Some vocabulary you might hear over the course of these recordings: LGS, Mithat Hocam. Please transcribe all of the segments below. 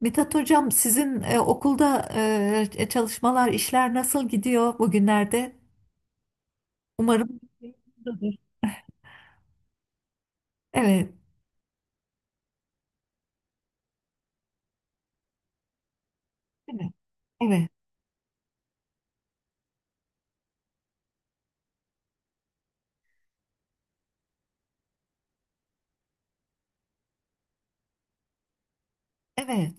Mithat Hocam, sizin okulda çalışmalar, işler nasıl gidiyor bugünlerde? Umarım. Evet, evet, evet, evet,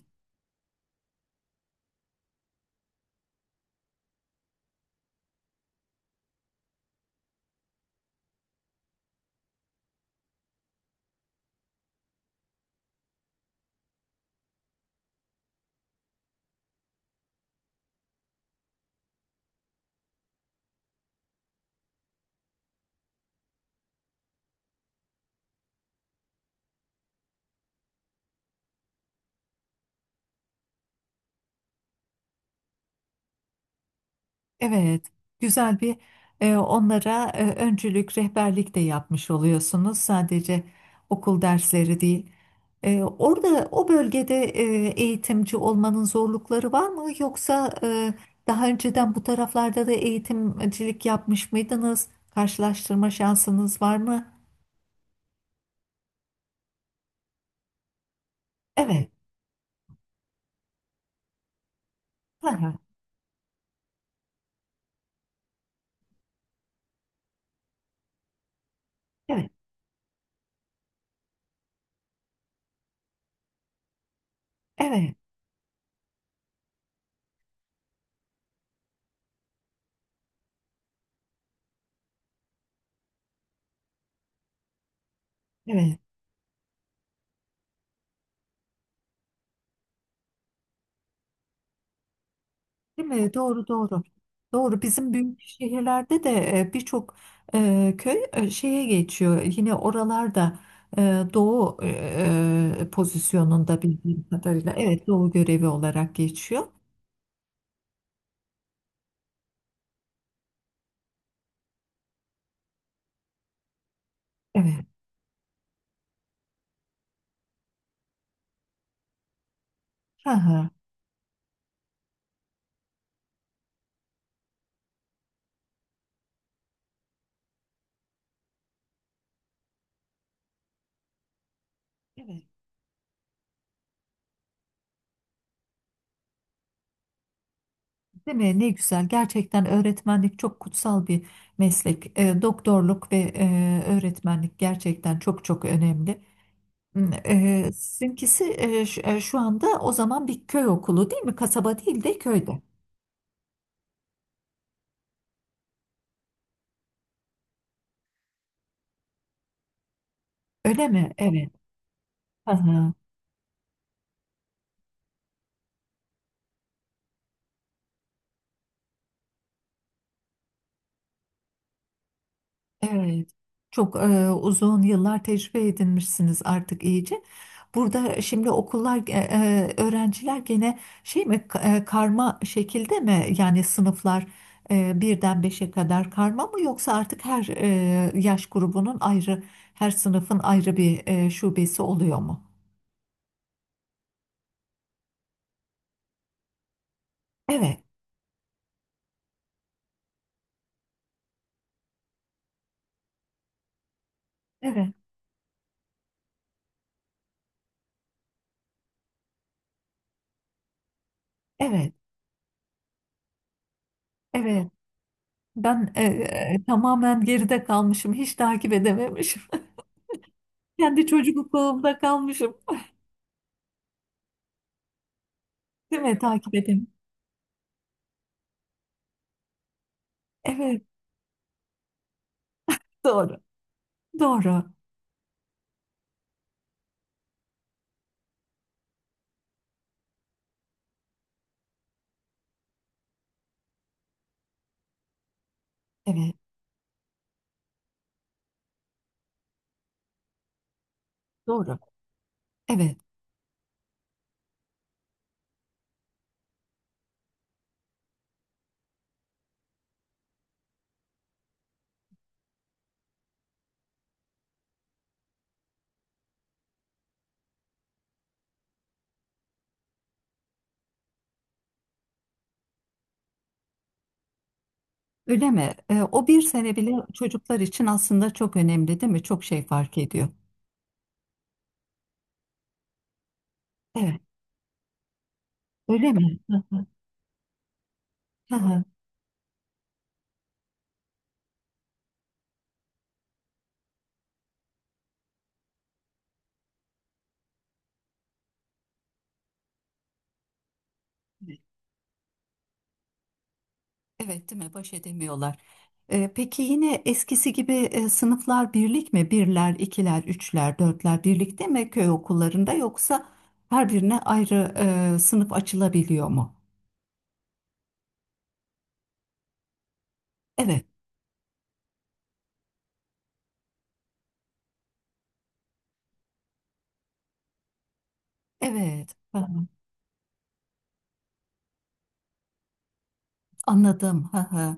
evet. Güzel bir onlara öncülük, rehberlik de yapmış oluyorsunuz. Sadece okul dersleri değil. Orada, o bölgede eğitimci olmanın zorlukları var mı? Yoksa daha önceden bu taraflarda da eğitimcilik yapmış mıydınız? Karşılaştırma şansınız var mı? Evet. Hı hı. Evet. Evet. Evet. Değil mi? Doğru, doğru. Doğru. Bizim büyük şehirlerde de birçok köy şeye geçiyor. Yine oralarda e, doğu pozisyonunda bildiğim kadarıyla. Evet, doğu görevi olarak geçiyor. Evet. Hı hı. Evet. Değil mi? Ne güzel. Gerçekten öğretmenlik çok kutsal bir meslek. Doktorluk ve öğretmenlik gerçekten çok çok önemli. Sizinkisi şu anda o zaman bir köy okulu değil mi? Kasaba değil de köyde. Öyle mi? Evet. Aha, evet. Çok uzun yıllar tecrübe edinmişsiniz artık iyice. Burada şimdi okullar, öğrenciler gene karma şekilde mi? Yani sınıflar birden beşe kadar karma mı yoksa artık her yaş grubunun ayrı, her sınıfın ayrı bir şubesi oluyor mu? Evet, evet, evet. Evet. Ben tamamen geride kalmışım. Hiç takip edememişim. Kendi çocukluğumda kalmışım. Değil mi? Takip edeyim. Evet, doğru. Doğru. Evet, doğru. Evet. Öyle mi? E, o bir sene bile çocuklar için aslında çok önemli, değil mi? Çok şey fark ediyor. Evet. Öyle mi? Hı hı, hı hı. Evet, değil mi? Baş edemiyorlar. Peki yine eskisi gibi sınıflar birlik mi? Birler, ikiler, üçler, dörtler birlikte mi köy okullarında yoksa her birine ayrı sınıf açılabiliyor mu? Evet, evet. Hı hı. Anladım. Hı hı.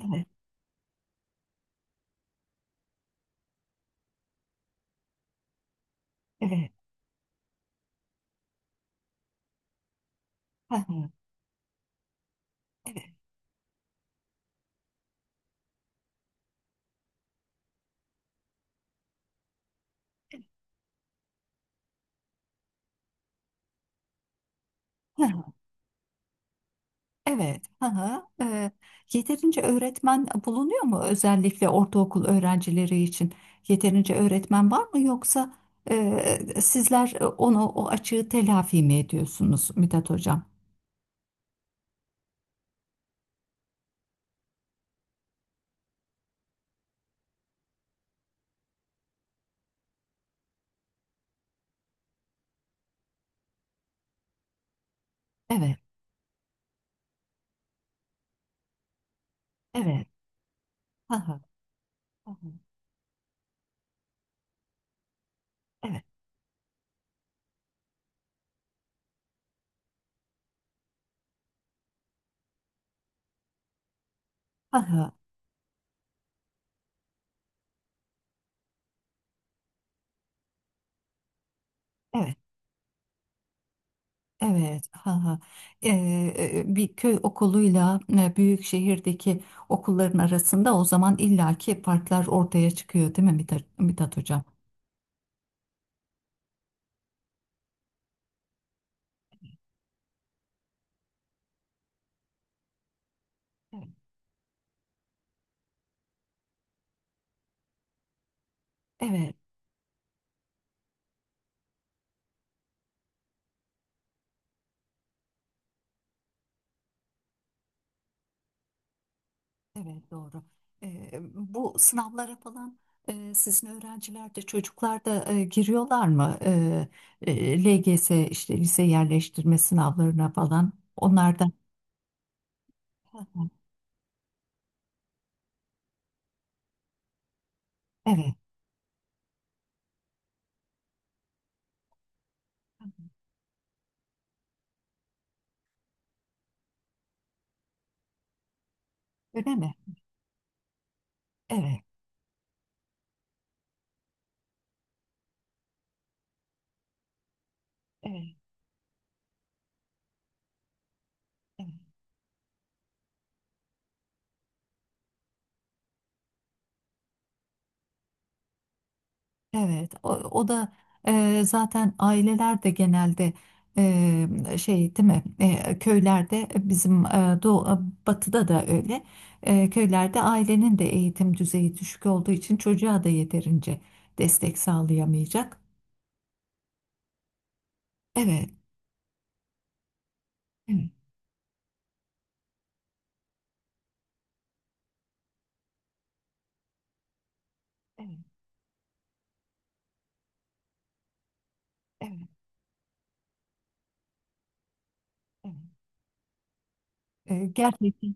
Evet, evet. Hı hı. Evet. Evet. Hı hı. Yeterince öğretmen bulunuyor mu özellikle ortaokul öğrencileri için? Yeterince öğretmen var mı yoksa sizler onu o açığı telafi mi ediyorsunuz Mithat Hocam? Evet. Evet. Hı hı. Hı hı. Evet. Hı hı. Evet. Evet, ha ha. Bir köy okuluyla büyük şehirdeki okulların arasında o zaman illaki farklar ortaya çıkıyor, değil mi Mithat Hocam? Evet, evet, evet, doğru. Bu sınavlara falan sizin öğrenciler de çocuklar da giriyorlar mı? LGS işte lise yerleştirme sınavlarına falan. Onlar da evet, öyle mi? Evet, evet, evet. Evet, o da zaten aileler de genelde şey değil mi? E, köylerde bizim doğu, batıda da öyle. E, köylerde ailenin de eğitim düzeyi düşük olduğu için çocuğa da yeterince destek sağlayamayacak. Evet, evet, evet, evet, evet. Gerçekten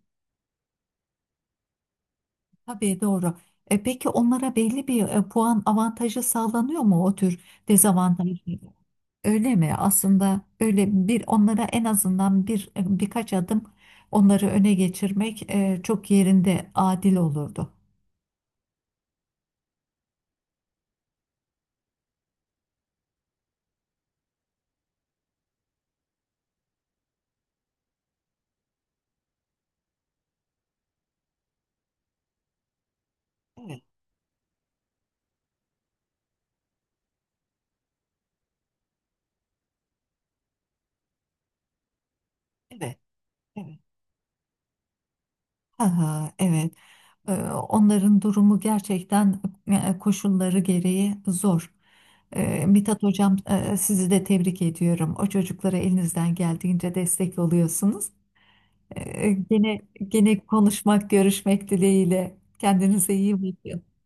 tabii doğru. Peki onlara belli bir puan avantajı sağlanıyor mu o tür dezavantajlı? Öyle mi? Aslında böyle bir onlara en azından bir birkaç adım onları öne geçirmek çok yerinde adil olurdu. Evet, evet, evet. Ha, ha, evet. Ee, Onların durumu gerçekten koşulları gereği zor. Mithat Hocam sizi de tebrik ediyorum. O çocuklara elinizden geldiğince destek oluyorsunuz. Ee, Gene gene konuşmak, görüşmek dileğiyle. Kendinize iyi bakın.